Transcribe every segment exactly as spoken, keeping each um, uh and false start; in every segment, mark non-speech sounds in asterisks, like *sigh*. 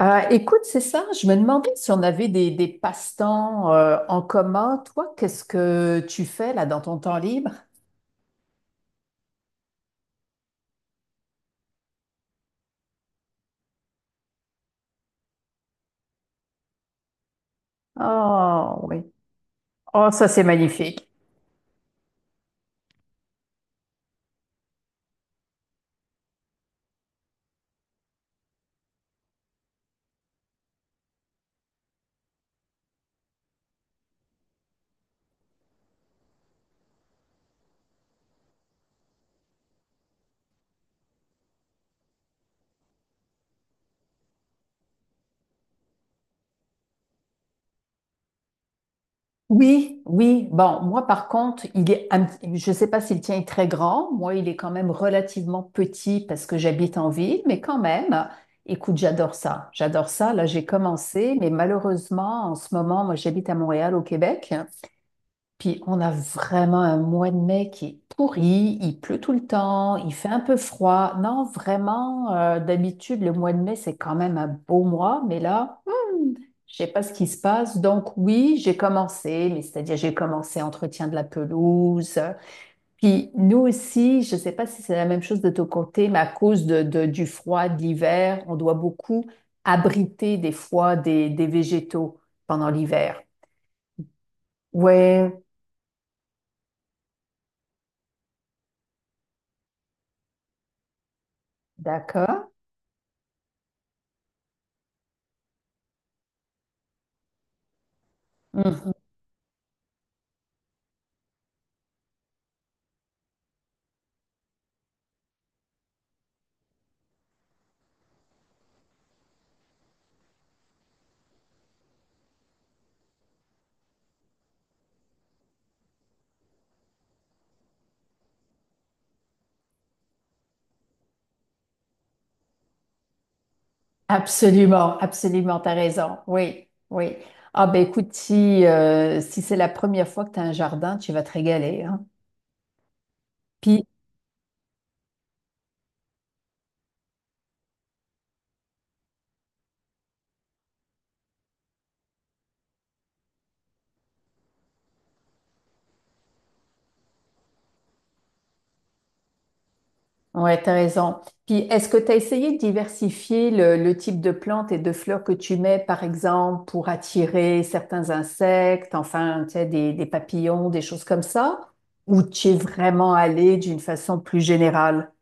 Euh, écoute, c'est ça. Je me demandais si on avait des, des passe-temps euh, en commun. Toi, qu'est-ce que tu fais là dans ton temps libre? Oh oui. Oh, ça c'est magnifique. Oui, oui. Bon, moi par contre, il est un petit- je ne sais pas si le tien est très grand. Moi, il est quand même relativement petit parce que j'habite en ville, mais quand même, écoute, j'adore ça. J'adore ça. Là, j'ai commencé, mais malheureusement, en ce moment, moi j'habite à Montréal, au Québec. Puis on a vraiment un mois de mai qui est pourri, il pleut tout le temps, il fait un peu froid. Non, vraiment, euh, d'habitude, le mois de mai, c'est quand même un beau mois, mais là, je sais pas ce qui se passe. Donc oui, j'ai commencé, mais c'est-à-dire j'ai commencé entretien de la pelouse. Puis nous aussi, je sais pas si c'est la même chose de ton côté, mais à cause de, de- du froid, de l'hiver, on doit beaucoup abriter des fois des, des végétaux pendant l'hiver. Ouais, d'accord. Mmh. Absolument, absolument, t'as raison. Oui, oui. Ah ben écoute, si, euh, si c'est la première fois que tu as un jardin, tu vas te régaler, hein. Puis, ouais, t'as raison. Puis, est-ce que tu as essayé de diversifier le, le type de plantes et de fleurs que tu mets, par exemple, pour attirer certains insectes, enfin, tu sais, des, des papillons, des choses comme ça? Ou tu es vraiment allé d'une façon plus générale?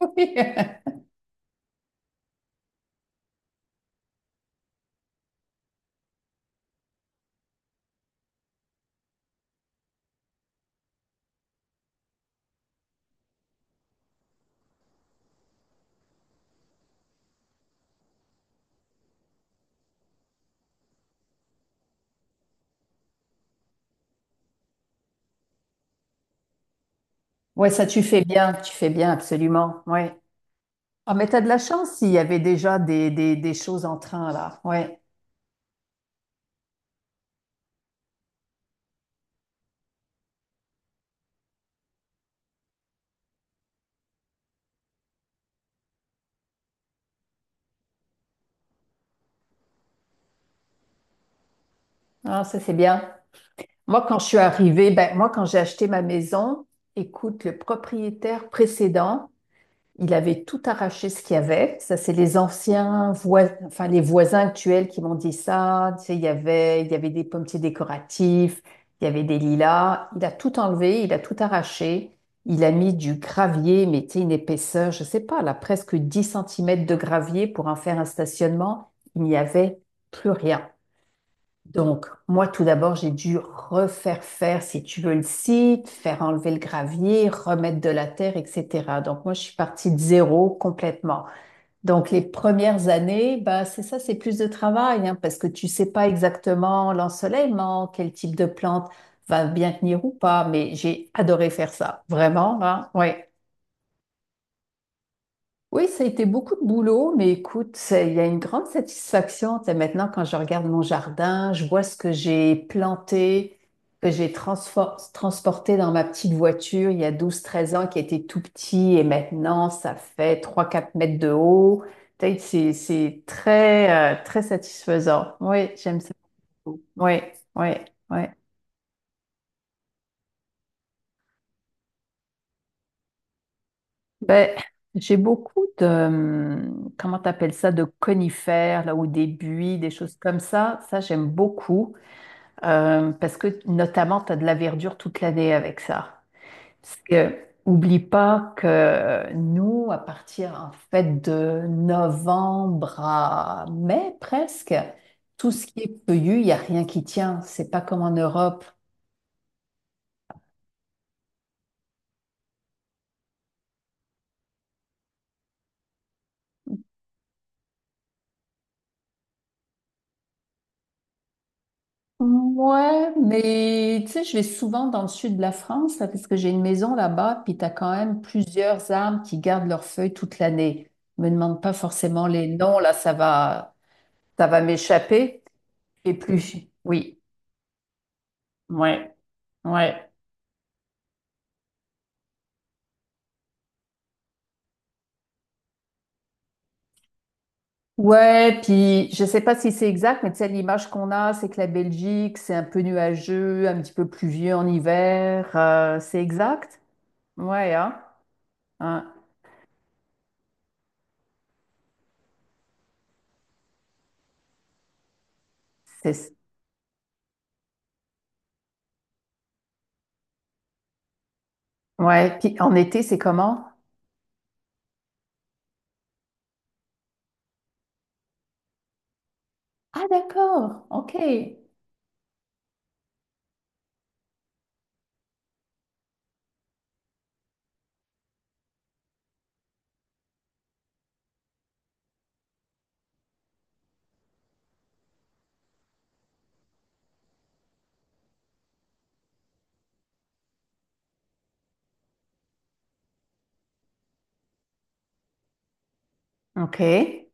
*laughs* Ouais, ça, tu fais bien, tu fais bien, absolument. Ouais. Ah, mais t'as de la chance s'il y avait déjà des, des, des choses en train, là. Ouais. Ah, ça, c'est bien. Moi, quand je suis arrivée, ben, moi, quand j'ai acheté ma maison, écoute, le propriétaire précédent, il avait tout arraché ce qu'il y avait. Ça, c'est les anciens voisins, enfin les voisins actuels qui m'ont dit ça. Tu sais, il y avait, il y avait des pommiers décoratifs, il y avait des lilas. Il a tout enlevé, il a tout arraché. Il a mis du gravier, mais tu sais, une épaisseur, je sais pas, là, presque dix centimètres de gravier pour en faire un stationnement. Il n'y avait plus rien. Donc, moi, tout d'abord, j'ai dû refaire faire, si tu veux, le site, faire enlever le gravier, remettre de la terre, et cetera. Donc, moi, je suis partie de zéro complètement. Donc, les premières années, bah, c'est ça, c'est plus de travail, hein, parce que tu sais pas exactement l'ensoleillement, quel type de plante va bien tenir ou pas, mais j'ai adoré faire ça, vraiment, hein, oui. Oui, ça a été beaucoup de boulot, mais écoute, c'est- il y a une grande satisfaction. Tu sais, maintenant, quand je regarde mon jardin, je vois ce que j'ai planté, que j'ai transfor- transporté dans ma petite voiture il y a douze, treize ans, qui était tout petit, et maintenant, ça fait trois, quatre mètres de haut. Tu sais, C'est, c'est très, euh, très satisfaisant. Oui, j'aime ça beaucoup. Oui, oui, oui. Ben, j'ai beaucoup de, hum, comment t'appelles ça, de conifères, là, ou des buis, des choses comme ça. Ça, j'aime beaucoup euh, parce que notamment, tu as de la verdure toute l'année avec ça. Parce que, oublie pas que nous, à partir en fait de novembre à mai presque, tout ce qui est feuillu, il n'y a rien qui tient. C'est pas comme en Europe. Ouais, mais tu sais, je vais souvent dans le sud de la France, là, parce que j'ai une maison là-bas, puis t'as quand même plusieurs arbres qui gardent leurs feuilles toute l'année. Me demande pas forcément les noms, là, ça va, ça va m'échapper. Et puis, oui, ouais, ouais. Ouais, puis je sais pas si c'est exact, mais tu sais, l'image qu'on a, c'est que la Belgique, c'est un peu nuageux, un petit peu pluvieux en hiver. Euh, c'est exact? Ouais, hein? Hein, c'est, ouais, puis en été, c'est comment? Ah, d'accord. OK. OK.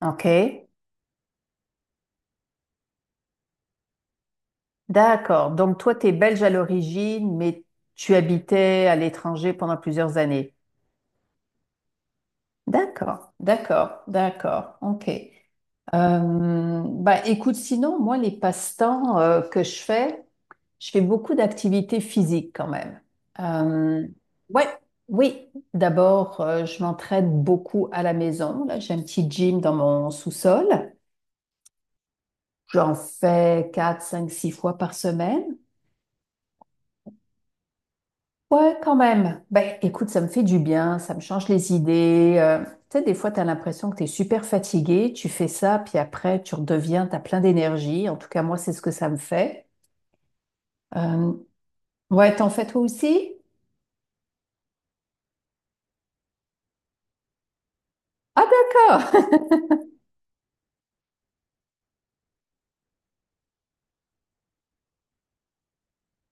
OK. D'accord. Donc, toi, tu es belge à l'origine, mais tu habitais à l'étranger pendant plusieurs années. D'accord. D'accord. D'accord. OK. Euh, bah, écoute, sinon, moi, les passe-temps euh, que je fais, je fais beaucoup d'activités physiques quand même. Euh, ouais, oui. D'abord, euh, je m'entraîne beaucoup à la maison. Là, j'ai un petit gym dans mon sous-sol. J'en fais quatre, cinq, six fois par semaine. Ouais, quand même. Ben, écoute, ça me fait du bien, ça me change les idées. Euh, tu sais, des fois, tu as l'impression que tu es super fatigué, tu fais ça, puis après, tu redeviens, tu as plein d'énergie. En tout cas, moi, c'est ce que ça me fait. Euh, ouais, t'en fais toi aussi? Ah, d'accord.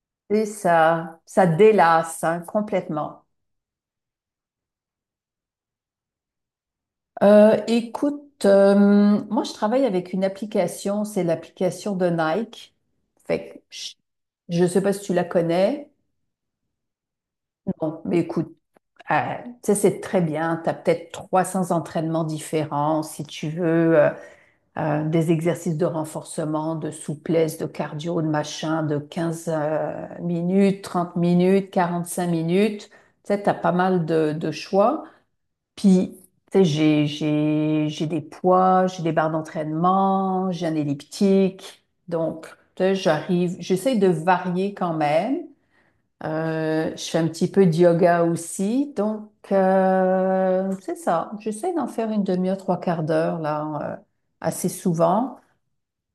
*laughs* Et ça, ça délasse, hein, complètement. Euh, écoute, euh, moi, je travaille avec une application, c'est l'application de Nike. Fait que je ne sais pas si tu la connais. Bon, mais écoute, euh, tu sais, c'est très bien. Tu as peut-être trois cents entraînements différents si tu veux, euh, euh, des exercices de renforcement, de souplesse, de cardio, de machin, de quinze euh, minutes, trente minutes, quarante-cinq minutes. Tu sais, tu as pas mal de, de choix. Puis, tu sais, j'ai, j'ai, j'ai des poids, j'ai des barres d'entraînement, j'ai un elliptique. Donc, tu sais, j'arrive, j'essaie de varier quand même. Euh, je fais un petit peu de yoga aussi. Donc, euh, c'est ça. J'essaie d'en faire une demi-heure, trois quarts d'heure, là, euh, assez souvent.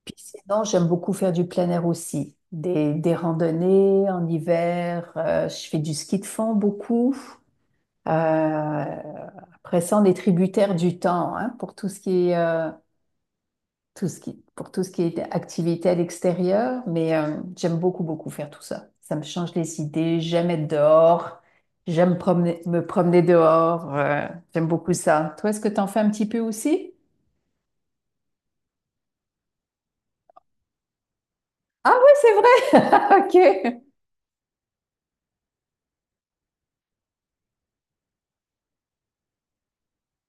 Puis sinon, j'aime beaucoup faire du plein air aussi. Des, des randonnées en hiver. Euh, je fais du ski de fond beaucoup. Euh, après ça, on est tributaire du temps, hein, pour tout ce qui est euh, tout ce qui, pour tout ce qui est activité à l'extérieur, mais euh, j'aime beaucoup, beaucoup faire tout ça. Ça me change les idées, j'aime être dehors, j'aime promener- me promener dehors, euh, j'aime beaucoup ça. Toi, est-ce que t'en fais un petit peu aussi? Ah oui, c'est vrai! *laughs* Ok.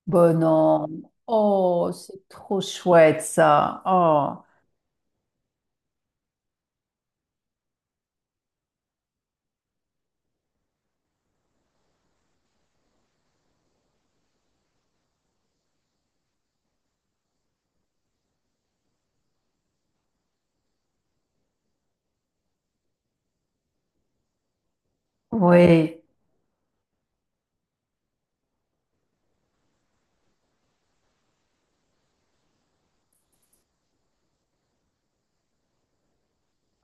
Bon, non. Oh, c'est trop chouette ça. Oh, oui.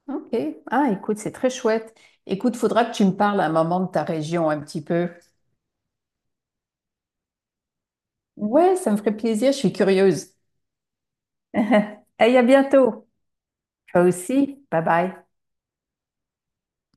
Ok. Ah, écoute, c'est très chouette. Écoute, faudra que tu me parles à un moment de ta région un petit peu. Ouais, ça me ferait plaisir, je suis curieuse. *laughs* Et à bientôt. Toi aussi. Bye bye.